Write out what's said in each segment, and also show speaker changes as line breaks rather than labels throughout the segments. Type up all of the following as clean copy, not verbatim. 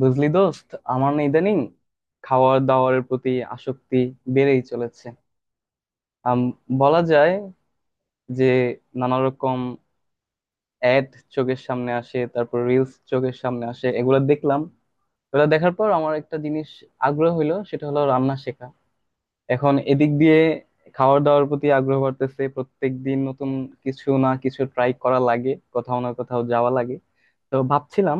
বুঝলি দোস্ত, আমার না ইদানিং খাওয়ার দাওয়ারের প্রতি আসক্তি বেড়েই চলেছে। আম, বলা যায় যে নানা রকম অ্যাড চোখের সামনে আসে, তারপর রিলস চোখের সামনে আসে। এগুলো দেখলাম, এগুলো দেখার পর আমার একটা জিনিস আগ্রহ হইলো, সেটা হলো রান্না শেখা। এখন এদিক দিয়ে খাওয়ার দাওয়ার প্রতি আগ্রহ বাড়তেছে, প্রত্যেক দিন নতুন কিছু না কিছু ট্রাই করা লাগে, কোথাও না কোথাও যাওয়া লাগে। তো ভাবছিলাম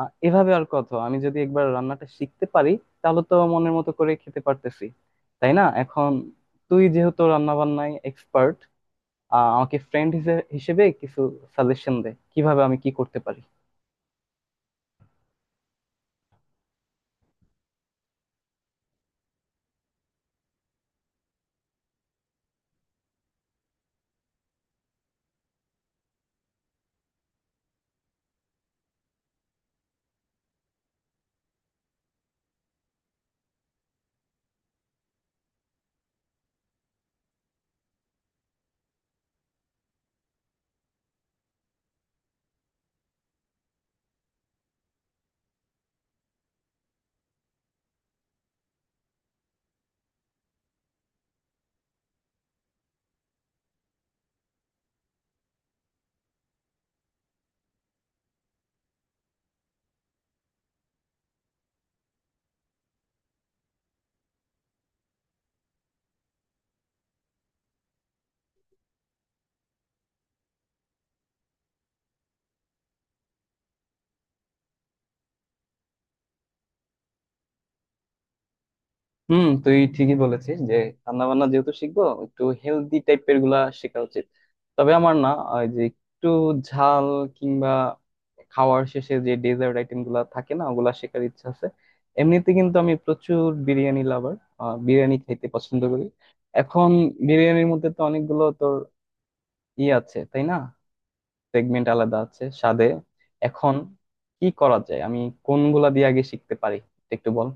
এভাবে আর কত, আমি যদি একবার রান্নাটা শিখতে পারি তাহলে তো মনের মতো করে খেতে পারতেছি, তাই না? এখন তুই যেহেতু রান্না বান্নায় এক্সপার্ট, আমাকে ফ্রেন্ড হিসেবে কিছু সাজেশন দে কিভাবে আমি কি করতে পারি। হুম, তুই ঠিকই বলেছিস যে রান্না বান্না যেহেতু শিখবো, একটু হেলদি টাইপের গুলা শেখা উচিত। তবে আমার না ওই যে একটু ঝাল কিংবা খাওয়ার শেষে যে ডেজার্ট আইটেম গুলা থাকে না, ওগুলা শেখার ইচ্ছা আছে। এমনিতে কিন্তু আমি প্রচুর বিরিয়ানি লাভার, বিরিয়ানি খেতে পছন্দ করি। এখন বিরিয়ানির মধ্যে তো অনেকগুলো তোর ই আছে তাই না, সেগমেন্ট আলাদা আছে স্বাদে। এখন কি করা যায়, আমি কোনগুলা দিয়ে আগে শিখতে পারি একটু বল।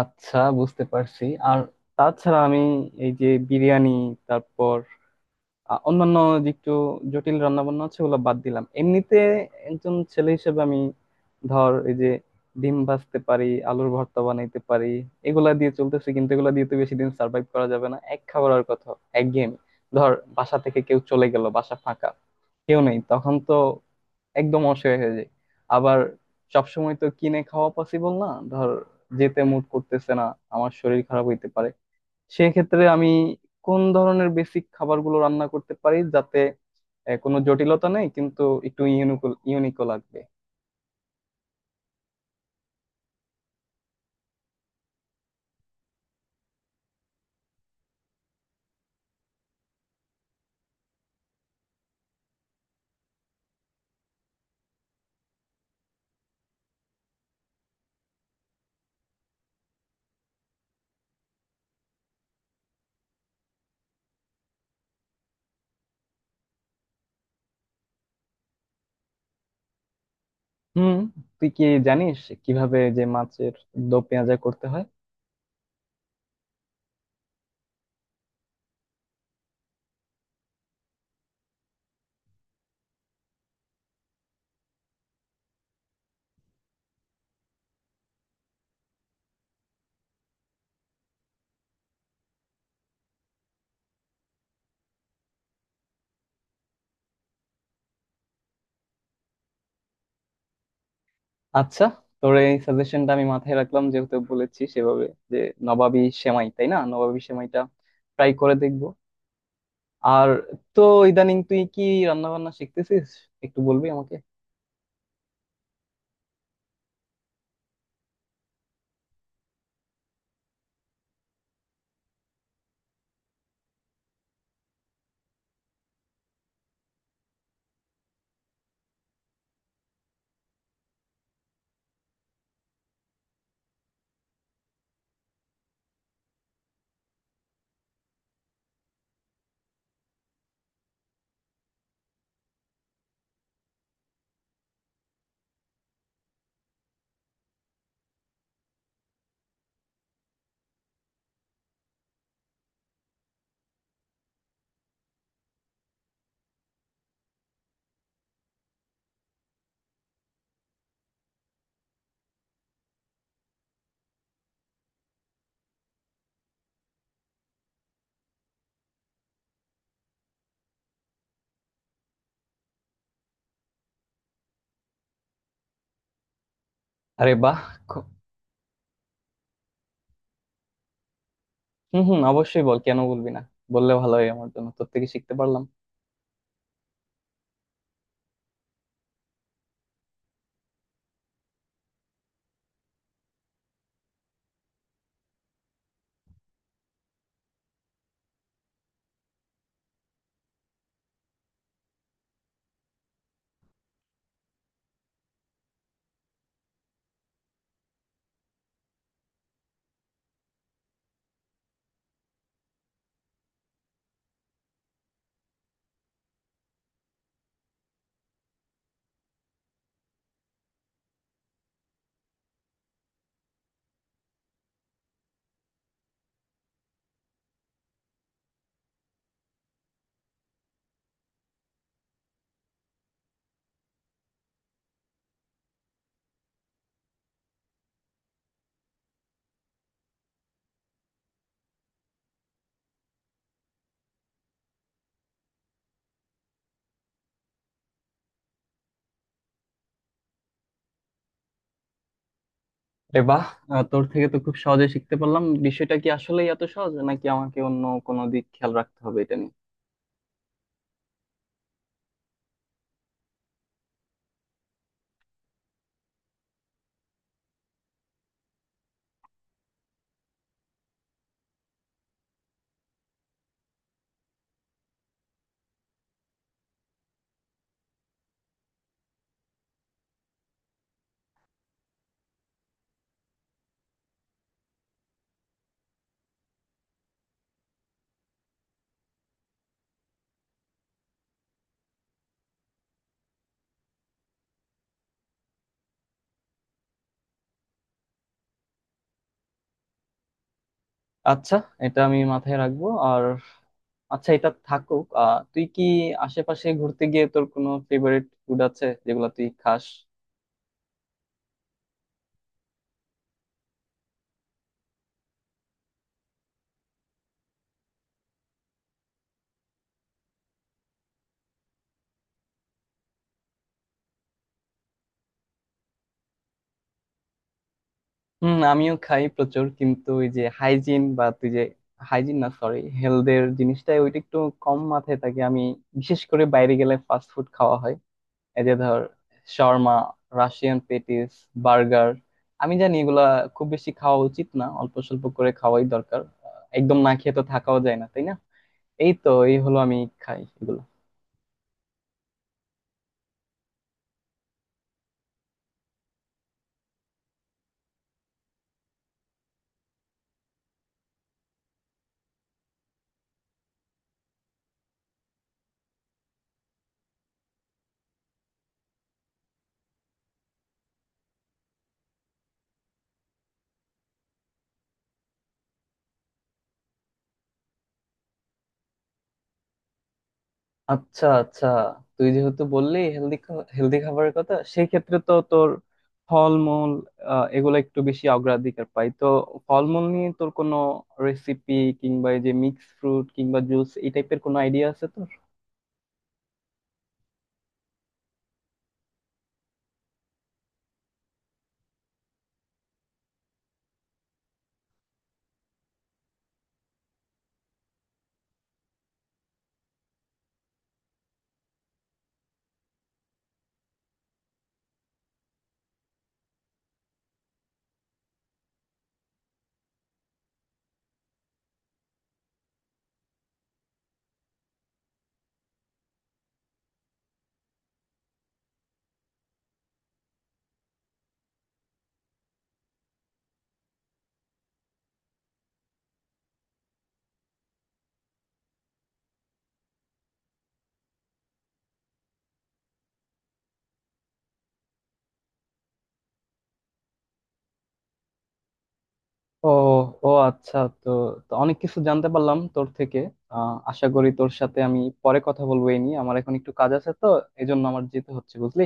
আচ্ছা, বুঝতে পারছি। আর তাছাড়া আমি এই যে বিরিয়ানি, তারপর অন্যান্য যে একটু জটিল রান্না বান্না আছে ওগুলো বাদ দিলাম। এমনিতে একজন ছেলে হিসেবে আমি, ধর এই যে ডিম ভাজতে পারি, আলুর ভর্তা বানাইতে পারি, এগুলা দিয়ে চলতেছে। কিন্তু এগুলা দিয়ে তো বেশি দিন সার্ভাইভ করা যাবে না, এক খাবার আর কথা, একঘেয়েমি। ধর বাসা থেকে কেউ চলে গেল, বাসা ফাঁকা, কেউ নেই, তখন তো একদম অসহায় হয়ে যায়। আবার সবসময় তো কিনে খাওয়া পসিবল না, ধর যেতে মুড করতেছে না, আমার শরীর খারাপ হইতে পারে, সেক্ষেত্রে আমি কোন ধরনের বেসিক খাবারগুলো রান্না করতে পারি যাতে কোনো জটিলতা নেই, কিন্তু একটু ইউনিক, ইউনিকও লাগবে। হুম, তুই কি জানিস কিভাবে যে মাছের দো পেঁয়াজা করতে হয়? আচ্ছা, তোর এই সাজেশনটা আমি মাথায় রাখলাম, যেহেতু বলেছি সেভাবে, যে নবাবী সেমাই, তাই না? নবাবী সেমাইটা ট্রাই করে দেখবো। আর তো ইদানিং তুই কি রান্না বান্না শিখতেছিস, একটু বলবি আমাকে? আরে বাহ! খু- হুম হুম, অবশ্যই বল, কেন বলবি না, বললে ভালো হয় আমার জন্য, তোর থেকে শিখতে পারলাম। আরে বাহ! তোর থেকে তো খুব সহজে শিখতে পারলাম। বিষয়টা কি আসলেই এত সহজ, নাকি আমাকে অন্য কোনো দিক খেয়াল রাখতে হবে এটা নিয়ে? আচ্ছা, এটা আমি মাথায় রাখবো। আর আচ্ছা, এটা থাকুক। আহ, তুই কি আশেপাশে ঘুরতে গিয়ে তোর কোনো ফেভারিট ফুড আছে যেগুলো তুই খাস? হুম, আমিও খাই প্রচুর। কিন্তু ওই যে হাইজিন, বা তুই যে হাইজিন না সরি হেলথের জিনিসটাই, ওইটা একটু কম মাথায় থাকে আমি। বিশেষ করে বাইরে গেলে ফাস্ট ফুড খাওয়া হয়, এই যে ধর শর্মা, রাশিয়ান পেটিস, বার্গার। আমি জানি এগুলা খুব বেশি খাওয়া উচিত না, অল্প স্বল্প করে খাওয়াই দরকার। আহ, একদম না খেয়ে তো থাকাও যায় না, তাই না? এই তো, এই হলো, আমি খাই এগুলো। আচ্ছা আচ্ছা, তুই যেহেতু বললি হেলদি, হেলদি খাবারের কথা, সেই ক্ষেত্রে তো তোর ফলমূল, আহ, এগুলো একটু বেশি অগ্রাধিকার পাই তো। ফলমূল নিয়ে তোর কোনো রেসিপি কিংবা এই যে মিক্স ফ্রুট কিংবা জুস এই টাইপের কোনো আইডিয়া আছে তোর? ও, ও আচ্ছা। তো তো অনেক কিছু জানতে পারলাম তোর থেকে। আহ, আশা করি তোর সাথে আমি পরে কথা বলবো এই নিয়ে। আমার এখন একটু কাজ আছে তো, এজন্য আমার যেতে হচ্ছে, বুঝলি।